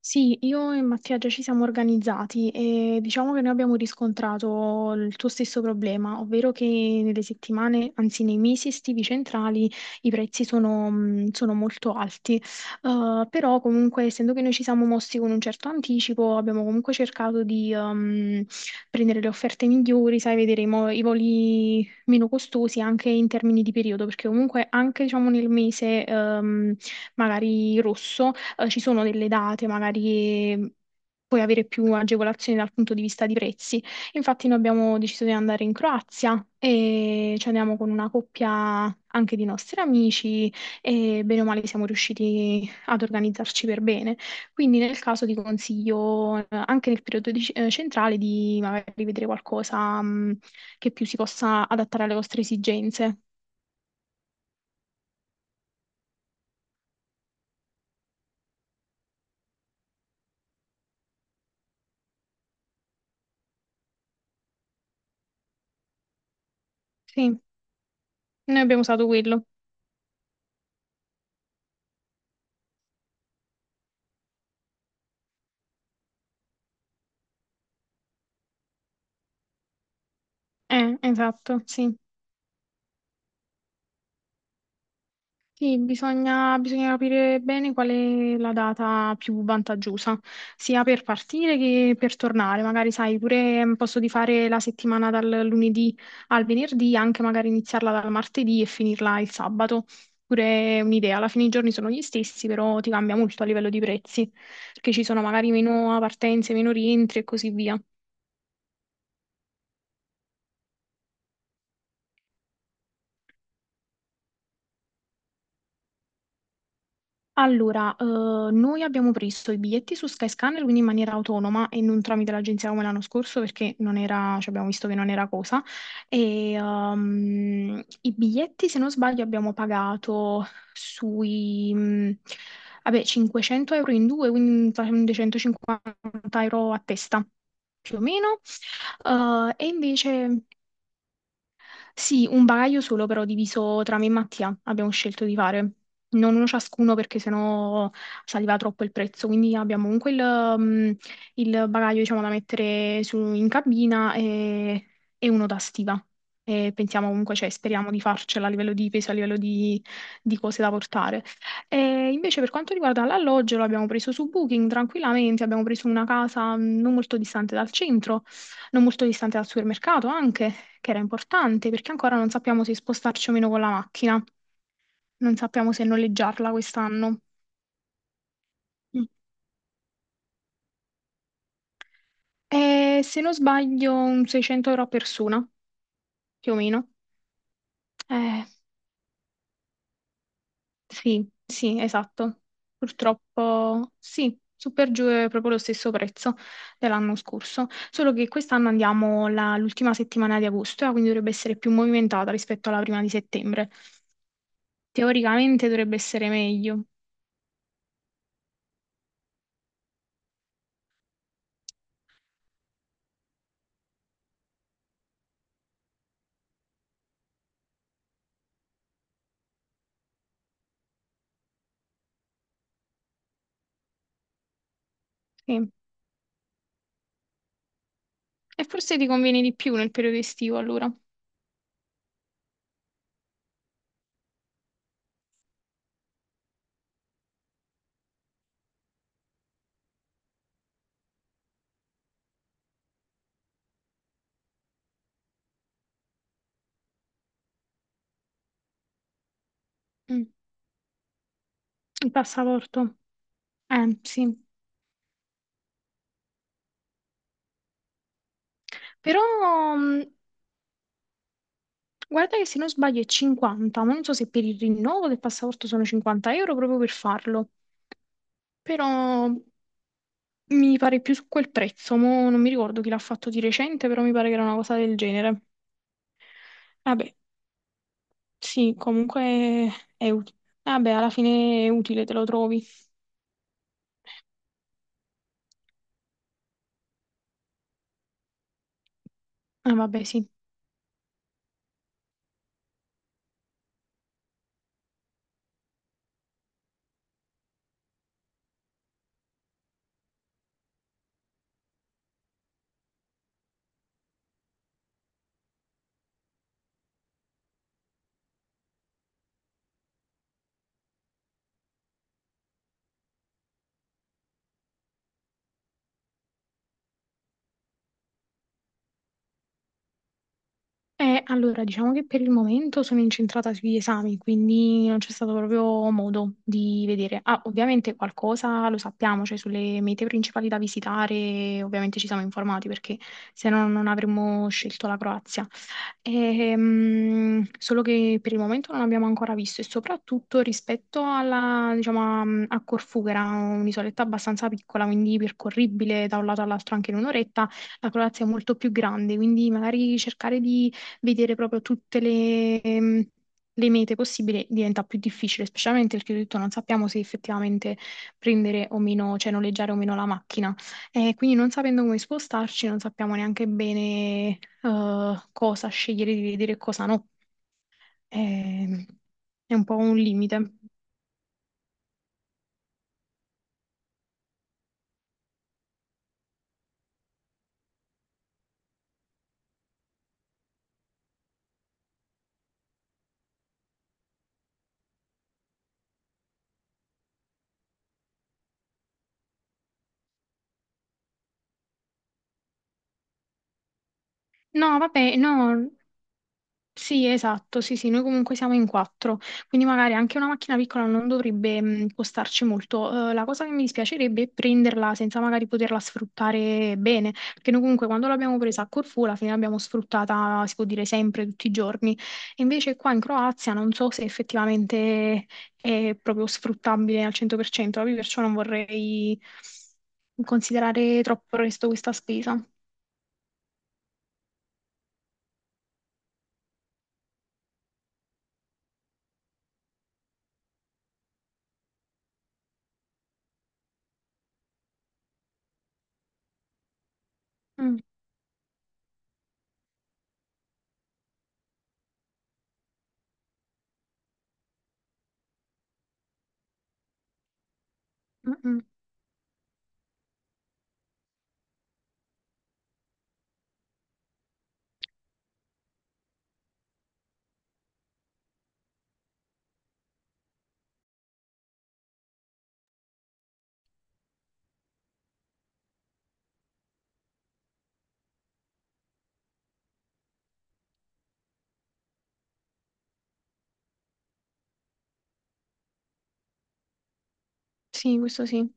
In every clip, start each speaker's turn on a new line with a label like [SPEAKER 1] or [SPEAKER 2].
[SPEAKER 1] Sì, io e Mattia già ci siamo organizzati e diciamo che noi abbiamo riscontrato il tuo stesso problema, ovvero che nelle settimane, anzi nei mesi estivi centrali i prezzi sono molto alti. Però comunque essendo che noi ci siamo mossi con un certo anticipo abbiamo comunque cercato di prendere le offerte migliori, sai, vedere i voli meno costosi anche in termini di periodo, perché comunque anche diciamo nel mese magari rosso. Ci sono delle date, magari puoi avere più agevolazioni dal punto di vista di prezzi. Infatti noi abbiamo deciso di andare in Croazia e ci andiamo con una coppia anche di nostri amici e bene o male siamo riusciti ad organizzarci per bene. Quindi nel caso ti consiglio anche nel periodo centrale di magari vedere qualcosa che più si possa adattare alle vostre esigenze. Sì, noi abbiamo usato quello. Esatto, sì. Sì, bisogna capire bene qual è la data più vantaggiosa, sia per partire che per tornare. Magari, sai, pure posso di fare la settimana dal lunedì al venerdì, anche magari iniziarla dal martedì e finirla il sabato. Pure è un'idea, alla fine i giorni sono gli stessi, però ti cambia molto a livello di prezzi, perché ci sono magari meno partenze, meno rientri e così via. Allora, noi abbiamo preso i biglietti su Skyscanner, quindi in maniera autonoma e non tramite l'agenzia come l'anno scorso perché non era, cioè abbiamo visto che non era cosa. E, i biglietti, se non sbaglio, abbiamo pagato sui, vabbè, 500 euro in due, quindi facendo 150 euro a testa più o meno. E invece sì, un bagaglio solo però diviso tra me e Mattia abbiamo scelto di fare. Non uno ciascuno perché sennò saliva troppo il prezzo, quindi abbiamo comunque il bagaglio diciamo, da mettere in cabina e uno da stiva. E pensiamo comunque, cioè speriamo di farcela a livello di peso, a livello di cose da portare. E invece per quanto riguarda l'alloggio, l'abbiamo preso su Booking tranquillamente, abbiamo preso una casa non molto distante dal centro, non molto distante dal supermercato anche che era importante perché ancora non sappiamo se spostarci o meno con la macchina, non sappiamo se noleggiarla quest'anno. Mm. E se non sbaglio, un 600 euro a persona, più o meno. Eh, sì, sì, esatto. Purtroppo sì, su per giù è proprio lo stesso prezzo dell'anno scorso, solo che quest'anno andiamo l'ultima settimana di agosto, quindi dovrebbe essere più movimentata rispetto alla prima di settembre. Teoricamente dovrebbe essere meglio. Sì. E forse ti conviene di più nel periodo estivo, allora. Mm. Il passaporto. Sì. Però, mm, guarda che se non sbaglio è 50, ma non so se per il rinnovo del passaporto sono 50 euro proprio per farlo. Però mi pare più su quel prezzo. Mo non mi ricordo chi l'ha fatto di recente, però mi pare che era una cosa del genere. Vabbè, sì, comunque è utile. Vabbè, alla fine è utile, te lo trovi. Ah, vabbè, sì. Allora, diciamo che per il momento sono incentrata sugli esami, quindi non c'è stato proprio modo di vedere. Ah, ovviamente qualcosa lo sappiamo, cioè sulle mete principali da visitare, ovviamente ci siamo informati perché se no non avremmo scelto la Croazia. Solo che per il momento non abbiamo ancora visto e soprattutto rispetto alla, diciamo, a Corfù, che era un'isoletta abbastanza piccola, quindi percorribile da un lato all'altro anche in un'oretta, la Croazia è molto più grande, quindi magari cercare di vedere proprio tutte le mete possibili diventa più difficile, specialmente perché ho detto non sappiamo se effettivamente prendere o meno, cioè noleggiare o meno la macchina. E quindi non sapendo come spostarci, non sappiamo neanche bene cosa scegliere di vedere e cosa no. Ehm, È un po' un limite. No, vabbè, no. Sì, esatto, sì, sì, noi comunque siamo in quattro, quindi magari anche una macchina piccola non dovrebbe costarci molto. La cosa che mi dispiacerebbe è prenderla senza magari poterla sfruttare bene, perché noi comunque quando l'abbiamo presa a Corfù alla fine l'abbiamo sfruttata, si può dire, sempre, tutti i giorni. E invece qua in Croazia non so se effettivamente è proprio sfruttabile al 100%, proprio perciò non vorrei considerare troppo presto questa spesa. Mm, mm, mm. Sì, questo sì.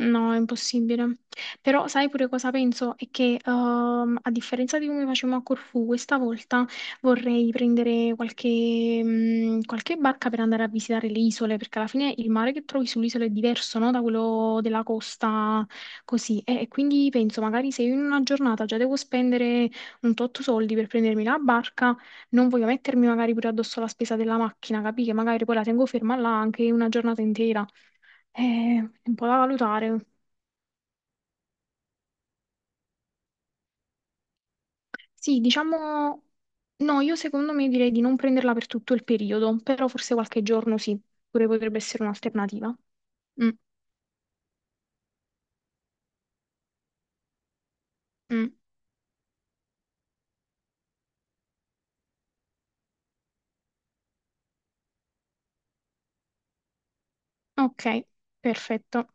[SPEAKER 1] No, è impossibile. Però sai pure cosa penso? È che a differenza di come facevamo a Corfù, questa volta vorrei prendere qualche barca per andare a visitare le isole, perché alla fine il mare che trovi sull'isola è diverso, no? Da quello della costa così. E quindi penso, magari se io in una giornata già devo spendere un tot soldi per prendermi la barca, non voglio mettermi magari pure addosso la spesa della macchina, capì? Che magari poi la tengo ferma là anche una giornata intera. È un po' da valutare. Sì, diciamo, no, io secondo me direi di non prenderla per tutto il periodo, però forse qualche giorno sì, pure potrebbe essere un'alternativa. Mm, mm. Ok, perfetto.